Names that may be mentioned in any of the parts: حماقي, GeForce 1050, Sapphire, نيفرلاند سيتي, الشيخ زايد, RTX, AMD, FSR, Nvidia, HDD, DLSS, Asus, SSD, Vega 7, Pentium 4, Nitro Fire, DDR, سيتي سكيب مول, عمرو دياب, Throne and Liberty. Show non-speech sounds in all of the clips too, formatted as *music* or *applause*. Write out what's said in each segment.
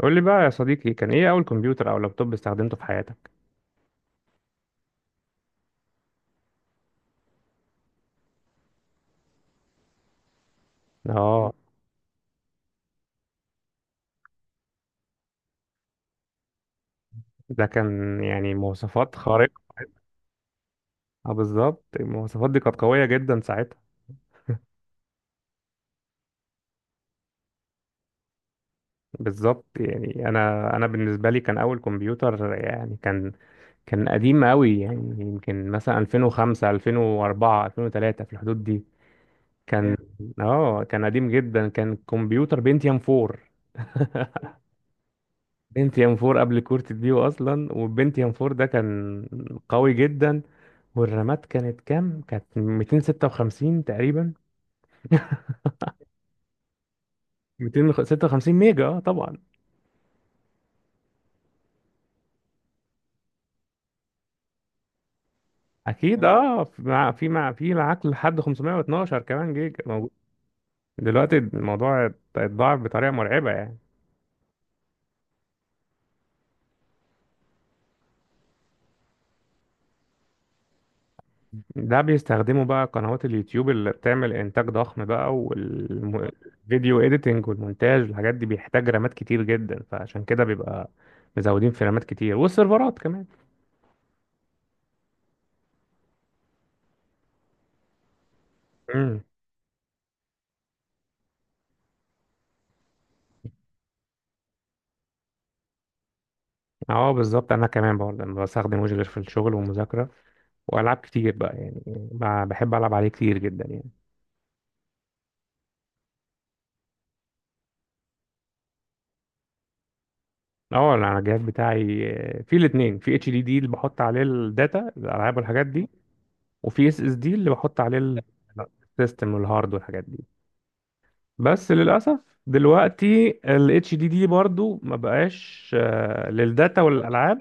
قول لي بقى يا صديقي، كان ايه اول كمبيوتر او لابتوب استخدمته في حياتك؟ اه، ده كان يعني مواصفات خارقة. اه بالظبط، المواصفات دي كانت قوية جدا ساعتها. بالظبط. يعني انا بالنسبة لي كان اول كمبيوتر، يعني كان قديم قوي، يعني يمكن مثلا 2005 2004 2003 في الحدود دي. كان جامد. اه كان قديم جدا، كان كمبيوتر بنتيوم 4. *laughs* بنتيام 4 قبل كورت ديو اصلا، والبنتيام 4 ده كان قوي جدا. والرامات كانت كام؟ كانت 256 تقريبا. 256 ميجا اه طبعا. اكيد اه، في معاك لحد 512 كمان جيجا موجود. دلوقتي الموضوع اتضاعف بطريقه مرعبه يعني. ده بيستخدموا بقى قنوات اليوتيوب اللي بتعمل انتاج ضخم بقى، والفيديو اديتنج والمونتاج والحاجات دي، بيحتاج رامات كتير جدا، فعشان كده بيبقى مزودين في رامات كتير والسيرفرات كمان. امم. اه بالظبط، انا كمان برضه بستخدم، وجه غير في الشغل والمذاكره والعاب كتير بقى يعني. بحب العب عليه كتير جدا يعني. اه انا على الجهاز بتاعي، في الاثنين، في اتش دي دي اللي بحط عليه الداتا الالعاب والحاجات دي، وفي اس اس دي اللي بحط عليه السيستم والهارد والحاجات دي. بس للاسف دلوقتي الاتش دي دي برضو ما بقاش، للداتا والالعاب.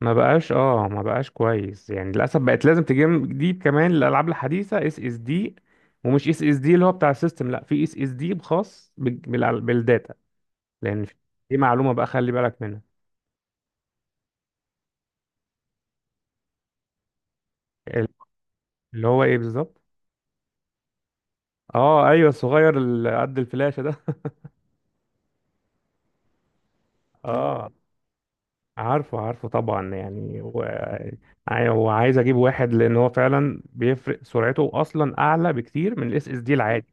ما بقاش كويس يعني، للاسف بقت لازم تجيب كمان الالعاب الحديثه اس اس دي. ومش اس اس دي اللي هو بتاع السيستم، لا، في اس اس دي خاص بالداتا. لان في- دي معلومه بقى، خلي بالك منها. ال- اللي هو ايه بالظبط؟ اه ايوه، الصغير اللي قد الفلاشه ده. *laughs* اه اه، عارفه عارفه طبعا يعني. هو عايز اجيب واحد، لان هو فعلا بيفرق، سرعته اصلا اعلى بكتير من الاس اس دي العادي.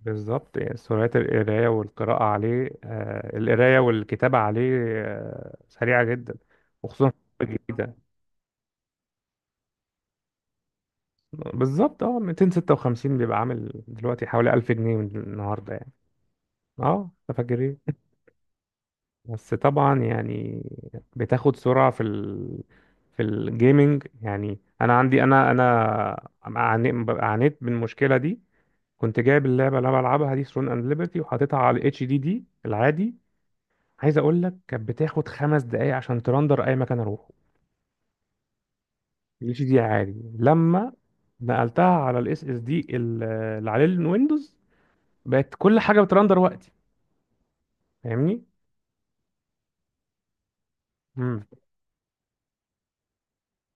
بالظبط، يعني سرعة القراية والقراءة عليه، القراية والكتابة عليه. سريعة جدا، وخصوصا في الجديدة. بالظبط. اه 256 بيبقى عامل دلوقتي حوالي 1000 جنيه من النهاردة يعني. اه تفكرين. بس طبعا يعني بتاخد سرعة في الجيمنج، يعني انا عندي انا انا عاني- عانيت من المشكلة دي. كنت جايب اللعبة اللي انا بلعبها دي، ثرون اند ليبرتي، وحاططها على الاتش دي دي العادي. عايز اقول لك، كانت بتاخد خمس دقايق عشان ترندر اي مكان اروحه. الاتش دي عادي، لما نقلتها على الاس اس دي اللي عليه الويندوز، بقت كل حاجه بترندر وقتي، فاهمني؟ امم.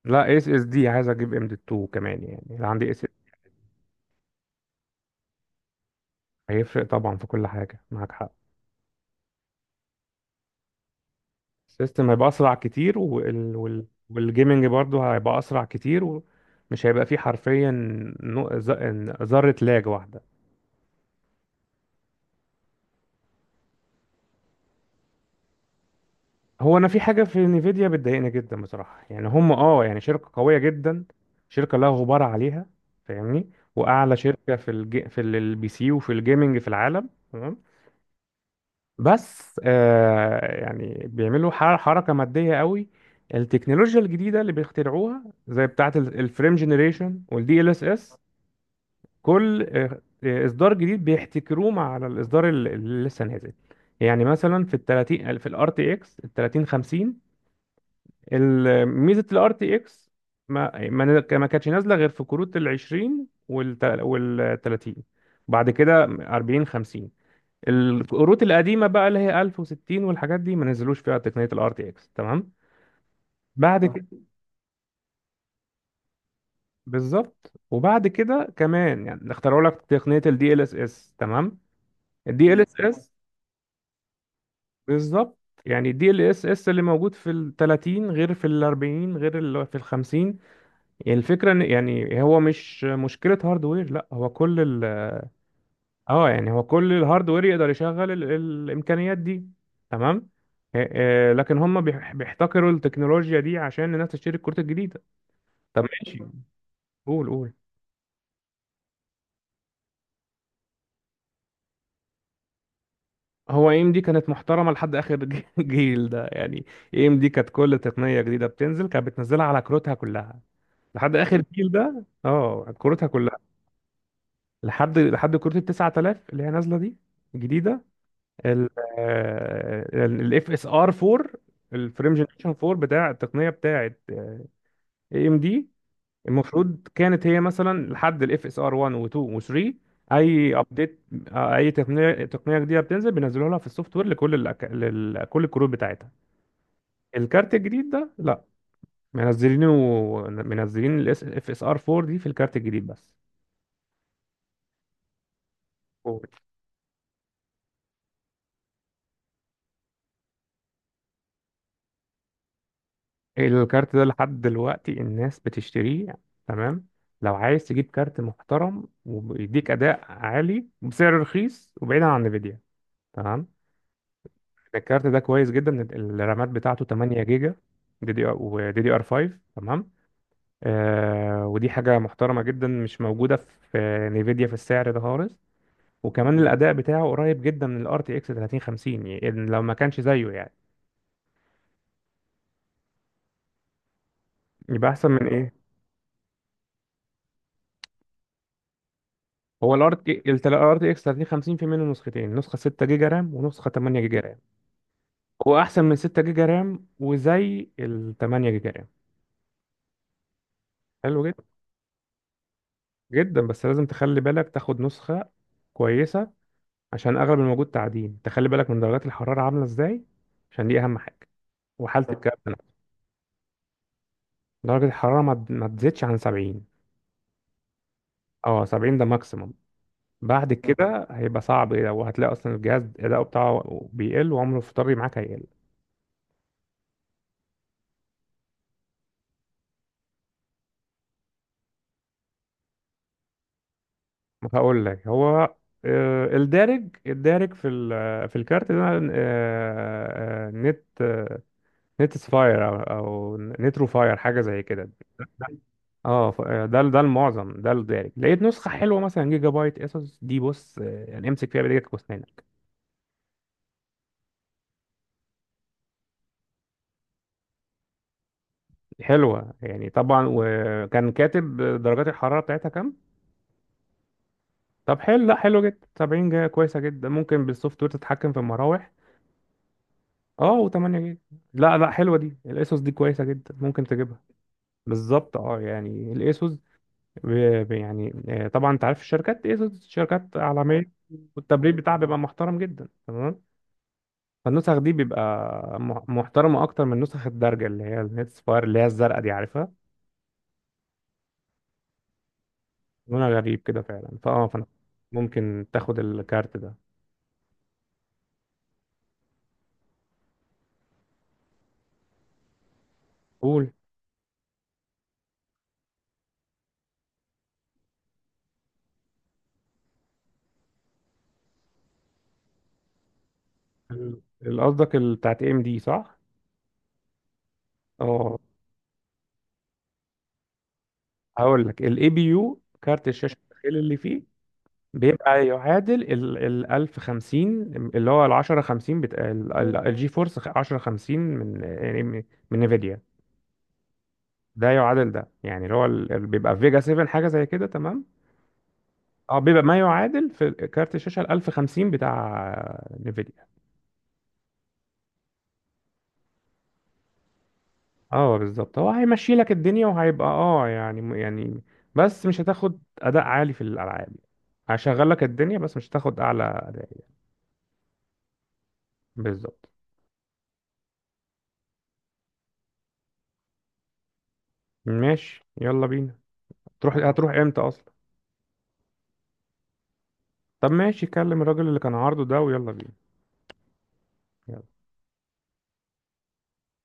لا اس اس دي، عايز اجيب ام دي 2 كمان، يعني اللي عندي اس. هيفرق طبعا في كل حاجه، معاك حق. السيستم هيبقى اسرع كتير والجيمنج برضه هيبقى اسرع كتير، ومش هيبقى فيه حرفيا ذره لاج واحده. هو انا في حاجه في نيفيديا بتضايقني جدا بصراحه، يعني هم يعني شركه قويه جدا، شركه لا غبار عليها، فاهمني، واعلى شركه في البي سي وفي الجيمنج في العالم، تمام. بس يعني بيعملوا حركه ماديه قوي. التكنولوجيا الجديده اللي بيخترعوها زي بتاعه الفريم جنريشن والدي ال اس اس. كل اصدار جديد بيحتكروه مع الاصدار اللي لسه نازل. يعني مثلا في ال 30، في الار تي اكس ال 3050، ميزه الار تي اكس ما ما ما كانتش نازله غير في كروت ال 20 وال 30، بعد كده 40 50. الكروت القديمه بقى اللي هي 1060 والحاجات دي ما نزلوش فيها تقنيه الار تي اكس، تمام. بعد كده. بالظبط، وبعد كده كمان يعني اخترعوا لك تقنيه الدي ال اس اس، تمام. الدي ال اس اس. بالظبط. يعني الدي ال اس اس اللي موجود في ال 30 غير في ال 40 غير اللي في ال 50. يعني الفكرة إن، يعني هو مش مشكلة هاردوير، لا هو كل ال. اه، يعني هو كل الهاردوير يقدر يشغل الإمكانيات دي، تمام. لكن هم بيحتكروا التكنولوجيا دي عشان الناس تشتري الكروت الجديدة. طب ماشي، قول قول. هو اي ام دي كانت محترمة لحد آخر *laughs* جيل ده يعني. اي ام دي كانت كل تقنية جديدة بتنزل كانت بتنزلها على كروتها كلها، لحد آخر جيل ده، اه كروتها كلها. لحد كروت ال 9000 اللي هي نازلة دي، جديدة، الاف اس ار 4، الفريم جنريشن 4 بتاع التقنيه بتاعه اي ام دي. المفروض كانت هي مثلا لحد الاف اس ار 1 و2 و3، اي ابديت، اي تقنيه جديده بتنزل بينزلوها لها في السوفت وير لكل كل الكروت بتاعتها. الكارت الجديد ده لا، منزلينه، منزلين الاف اس ار 4 دي في الكارت الجديد بس. الكارت ده لحد دلوقتي الناس بتشتريه، تمام. لو عايز تجيب كارت محترم وبيديك اداء عالي بسعر رخيص، وبعيدا عن نفيديا، تمام، الكارت ده كويس جدا. الرامات بتاعته 8 جيجا، دي دي ار، ودي دي ار 5، تمام. ودي حاجه محترمه جدا، مش موجوده في نفيديا في السعر ده خالص. وكمان الاداء بتاعه قريب جدا من الار تي اكس 3050، يعني لو ما كانش زيه يعني. يبقى احسن من إيه؟ هو الار تي اكس 3050 في منه نسختين، نسخه 6 جيجا رام ونسخه 8 جيجا رام. هو احسن من 6 جيجا رام وزي ال 8 جيجا رام. حلو جدا. جدا بس لازم تخلي بالك تاخد نسخه كويسه، عشان اغلب الموجود تعدين، تخلي بالك من درجات الحراره عامله ازاي، عشان دي اهم حاجه، وحاله الكارت نفسه. درجه الحراره ما تزيدش عن 70. اه 70 ده ماكسيمم، بعد كده هيبقى صعب، وهتلاقي اصلا الجهاز اداؤه بتاعه بيقل، وعمره في طري معاك هيقل. هقول لك، هو الدارج في الكارت ده، آه، آه، نت آه، نت سفاير او نترو فاير حاجه زي كده. اه، ده المعظم، ده الدارج. لقيت نسخه حلوه مثلا جيجا بايت، اسوس دي بص، يعني امسك فيها بايدك واسنانك. حلوه يعني طبعا، وكان كاتب درجات الحراره بتاعتها كام. طب حلو، لا حلو جدا، 70 جيجا كويسه جدا، ممكن بالسوفت وير تتحكم في المراوح. اه و8 جيجا. لا لا، حلوه دي، الاسوس دي كويسه جدا، ممكن تجيبها. بالظبط اه، يعني الاسوس يعني طبعا انت عارف الشركات، اسوس شركات عالميه. والتبريد بتاعها بيبقى محترم جدا، تمام. فالنسخ دي بيبقى محترمه اكتر من نسخ الدرجه اللي هي النتس فاير اللي هي الزرقاء دي، عارفها. لونها غريب كده فعلا، فانا ممكن تاخد الكارت ده. قول. قصدك بتاعت ام دي، صح؟ اه، هقول لك الاي بي يو كارت الشاشه الداخلي اللي فيه، بيبقى يعادل ال 1050، اللي هو ال 1050 بتاع الجي فورس 1050، من يعني من نفيديا. ده يعادل ده، يعني اللي هو بيبقى فيجا 7 حاجه زي كده، تمام. اه، بيبقى ما يعادل في كارت الشاشه ال 1050 بتاع نفيديا. اه بالظبط، هو هيمشي لك الدنيا وهيبقى يعني. بس مش هتاخد اداء عالي في الالعاب، هشغل لك الدنيا بس مش هتاخد اعلى اداء. بالظبط. ماشي يلا بينا. تروح؟ هتروح امتى اصلا؟ طب ماشي، كلم الراجل اللي كان عارضه ده، ويلا بينا. يلا.